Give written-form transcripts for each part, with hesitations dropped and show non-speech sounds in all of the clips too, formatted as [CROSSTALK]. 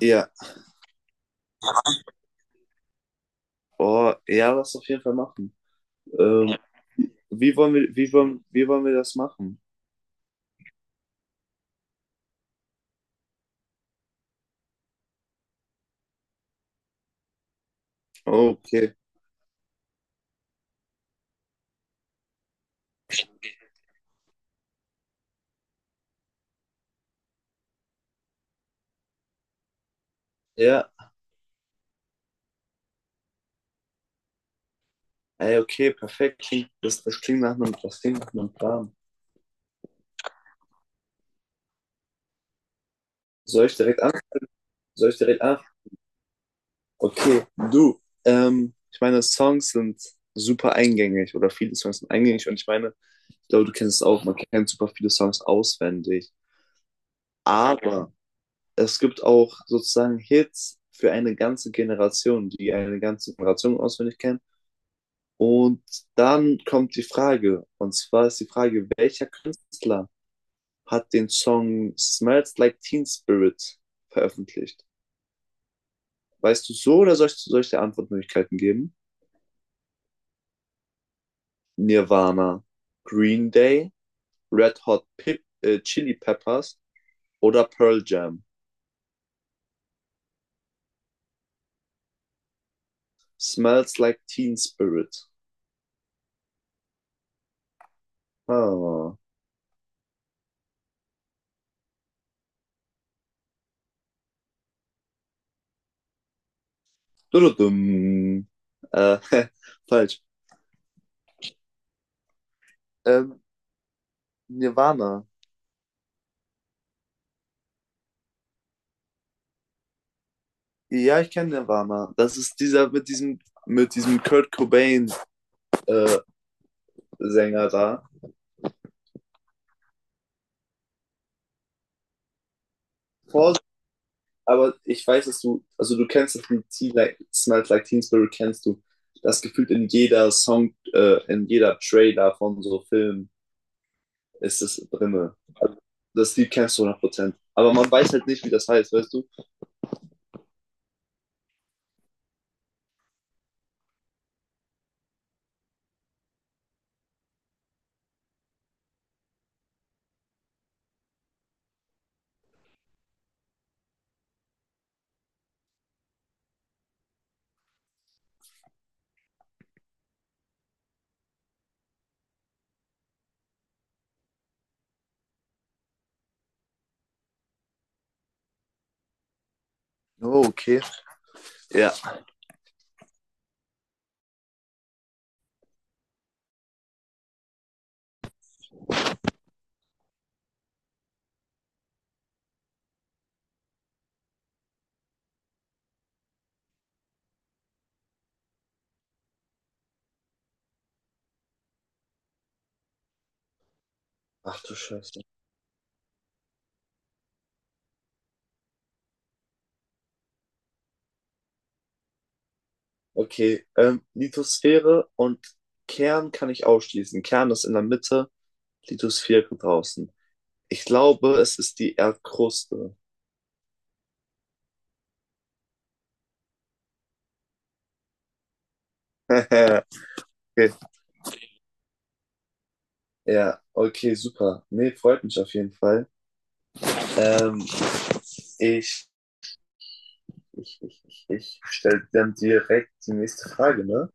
Ja, oh, ja, lass auf jeden Fall machen. Ähm, Ja. Wie wollen wir das machen? Okay. Ja, ey, okay, perfekt. Das klingt nach einem, das klingt nach einem Plan. Soll ich direkt anfangen? Soll ich direkt anfangen? Okay, du. Ich meine, Songs sind super eingängig oder viele Songs sind eingängig, und ich meine, ich glaube, du kennst es auch, man kennt super viele Songs auswendig. Aber es gibt auch sozusagen Hits für eine ganze Generation, die eine ganze Generation auswendig kennt. Und dann kommt die Frage, und zwar ist die Frage, welcher Künstler hat den Song Smells Like Teen Spirit veröffentlicht? Weißt du so, oder soll ich dir Antwortmöglichkeiten geben? Nirvana, Green Day, Red Hot Chili Peppers oder Pearl Jam? Smells Like Teen Spirit. Ah. Dududum. Äh, [LAUGHS] falsch. Ähm, Nirvana. Ja, ich kenne Nirvana. Das ist dieser mit mit diesem Kurt Cobain äh, Sänger da. Vorsicht, aber ich weiß, dass du, also du kennst das Lied Smells Like Teen Spirit, kennst du. Das gefühlt in jeder in jeder Trailer von so Filmen ist es drinne. Das Lied kennst du hundert Prozent. Aber man weiß halt nicht, wie das heißt, weißt du? Oh, okay. Ja. Ach du Scheiße. Okay, Lithosphäre und Kern kann ich ausschließen. Kern ist in der Mitte, Lithosphäre draußen. Ich glaube, es ist die Erdkruste. [LAUGHS] Okay. Ja, okay, super. Nee, freut mich auf jeden Fall. Ähm, ich, ich stelle dann direkt die nächste Frage, ne?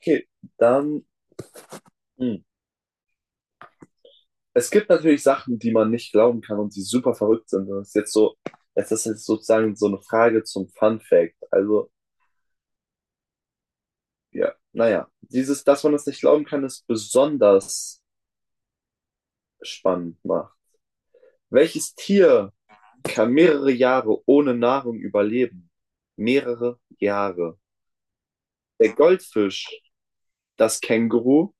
Okay, dann, hm. Es gibt natürlich Sachen, die man nicht glauben kann und die super verrückt sind. Das ist jetzt sozusagen so eine Frage zum Fun Fact. Also, ja, naja, dieses, dass man das nicht glauben kann, ist besonders spannend macht. Welches Tier kann mehrere Jahre ohne Nahrung überleben. Mehrere Jahre. Der Goldfisch, das Känguru,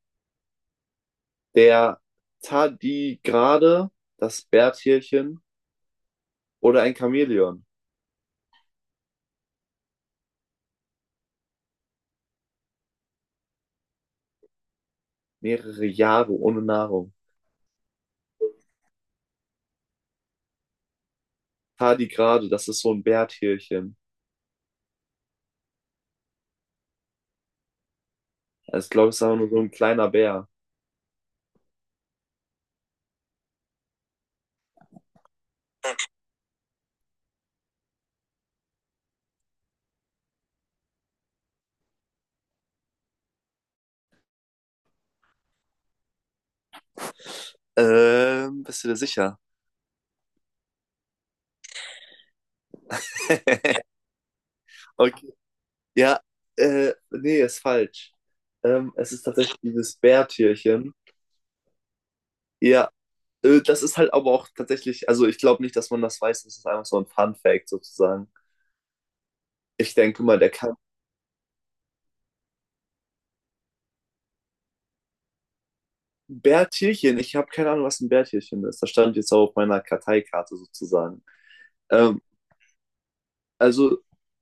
der Tardigrade, das Bärtierchen oder ein Chamäleon. Mehrere Jahre ohne Nahrung. Tardigrade, das ist so ein Bärtierchen. Also, ich glaube, es ist aber nur so ein kleiner Bär. Bist du dir sicher? [LAUGHS] Okay. Ja, nee, ist falsch. Es ist tatsächlich dieses Bärtierchen. Ja, das ist halt aber auch tatsächlich, also ich glaube nicht, dass man das weiß, das ist einfach so ein Fun Fact sozusagen. Ich denke mal, der kann Bärtierchen, ich habe keine Ahnung, was ein Bärtierchen ist. Das stand jetzt auch auf meiner Karteikarte sozusagen. Ähm, also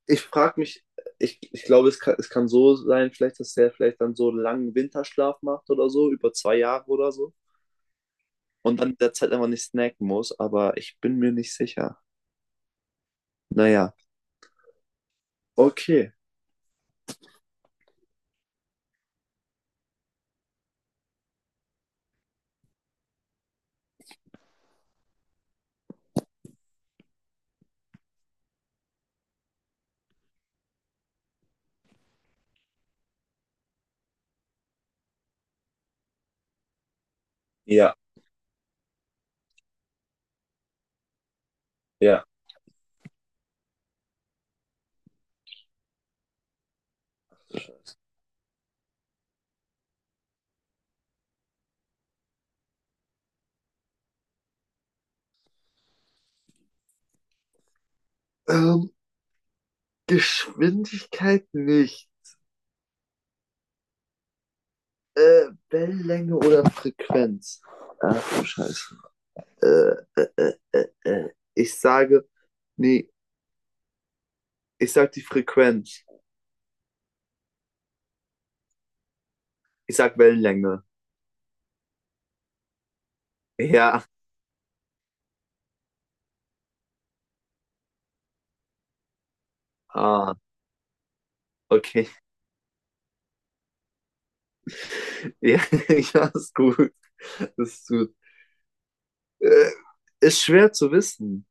ich frage mich, ich glaube, es kann so sein, vielleicht, dass der vielleicht dann so einen langen Winterschlaf macht oder so, über zwei Jahre oder so. Und dann in der Zeit einfach nicht snacken muss, aber ich bin mir nicht sicher. Naja, okay. Ja, ja. Ähm, Geschwindigkeit nicht. Wellenlänge oder Frequenz? Ach du Scheiße. Äh, äh, äh, äh, äh. Ich sage, nee, ich sag die Frequenz. Ich sag Wellenlänge. Ja, ah, okay. [LAUGHS] Ja, ja, ist gut. Ist gut. Äh, ist schwer zu wissen.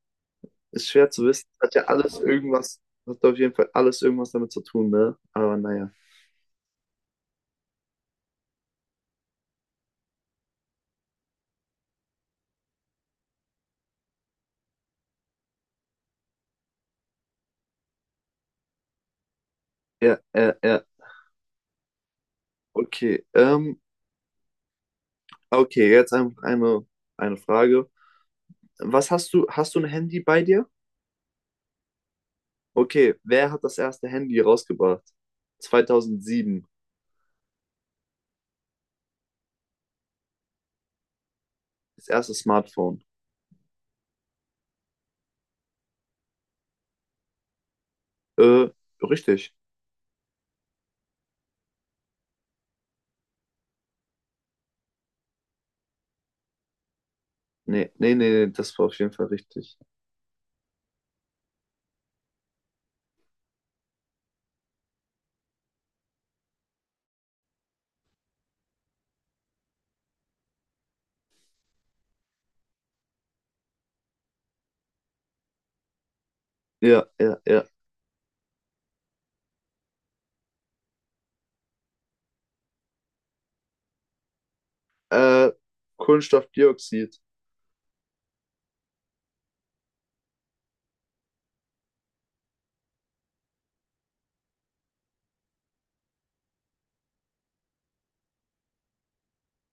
Ist schwer zu wissen. Hat ja alles irgendwas, hat auf jeden Fall alles irgendwas damit zu tun, ne? Aber naja. Ja, ja, ja. Okay. Okay, jetzt eine Frage. Hast du ein Handy bei dir? Okay, wer hat das erste Handy rausgebracht? 2007. Das erste Smartphone. Äh, richtig. Nee, nee, nee, nee, das war auf jeden Fall richtig. Ja, ja, ja. Äh, Kohlenstoffdioxid.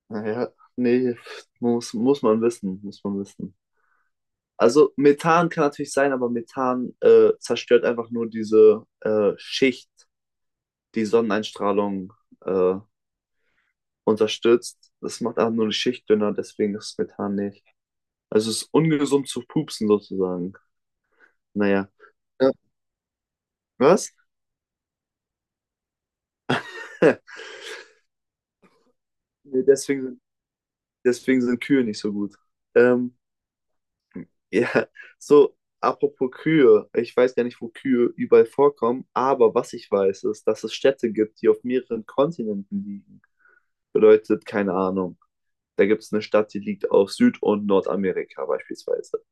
Naja, nee, muss man wissen, muss man wissen. Also Methan kann natürlich sein, aber Methan zerstört einfach nur diese Schicht, die Sonneneinstrahlung äh, unterstützt. Das macht einfach nur die Schicht dünner, deswegen ist Methan nicht. Also es ist ungesund zu pupsen sozusagen. Naja. Ja. Was? [LAUGHS] Nee, deswegen sind Kühe nicht so gut. Ähm, [LAUGHS] ja, so, apropos Kühe. Ich weiß gar nicht, wo Kühe überall vorkommen, aber was ich weiß, ist, dass es Städte gibt, die auf mehreren Kontinenten liegen. Bedeutet, keine Ahnung. Da gibt es eine Stadt, die liegt auf Süd- und Nordamerika beispielsweise.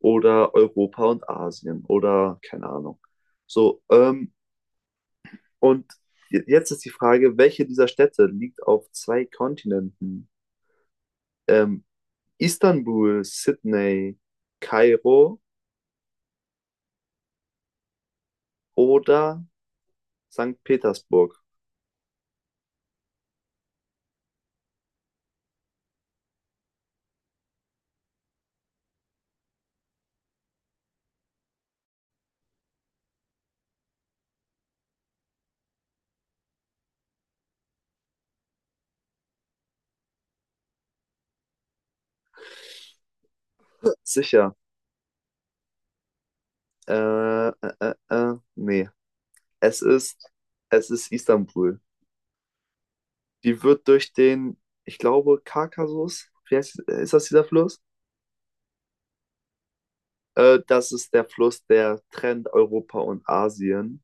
Oder Europa und Asien. Oder keine Ahnung. So, und j- jetzt ist die Frage, welche dieser Städte liegt auf zwei Kontinenten? Ähm, Istanbul, Sydney, Kairo oder Sankt Petersburg? Sicher. Äh, äh, nee. Es ist, es ist Istanbul. Die wird durch den, ich glaube, Kaukasus, wie heißt, ist das dieser Fluss? Das ist der Fluss, der trennt Europa und Asien.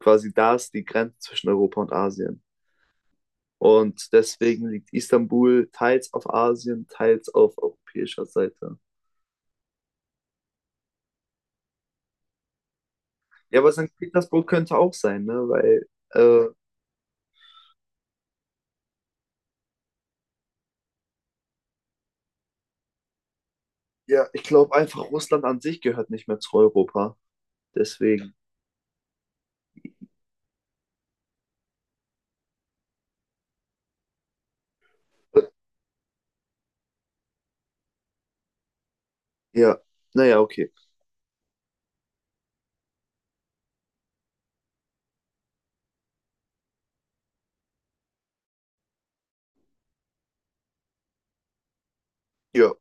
Quasi da ist die Grenze zwischen Europa und Asien. Und deswegen liegt Istanbul teils auf Asien, teils auf europäischer Seite. Ja, aber Sankt Petersburg könnte auch sein, ne? Ja, ich glaube einfach, Russland an sich gehört nicht mehr zu Europa. Deswegen, ja, naja, okay. Ja,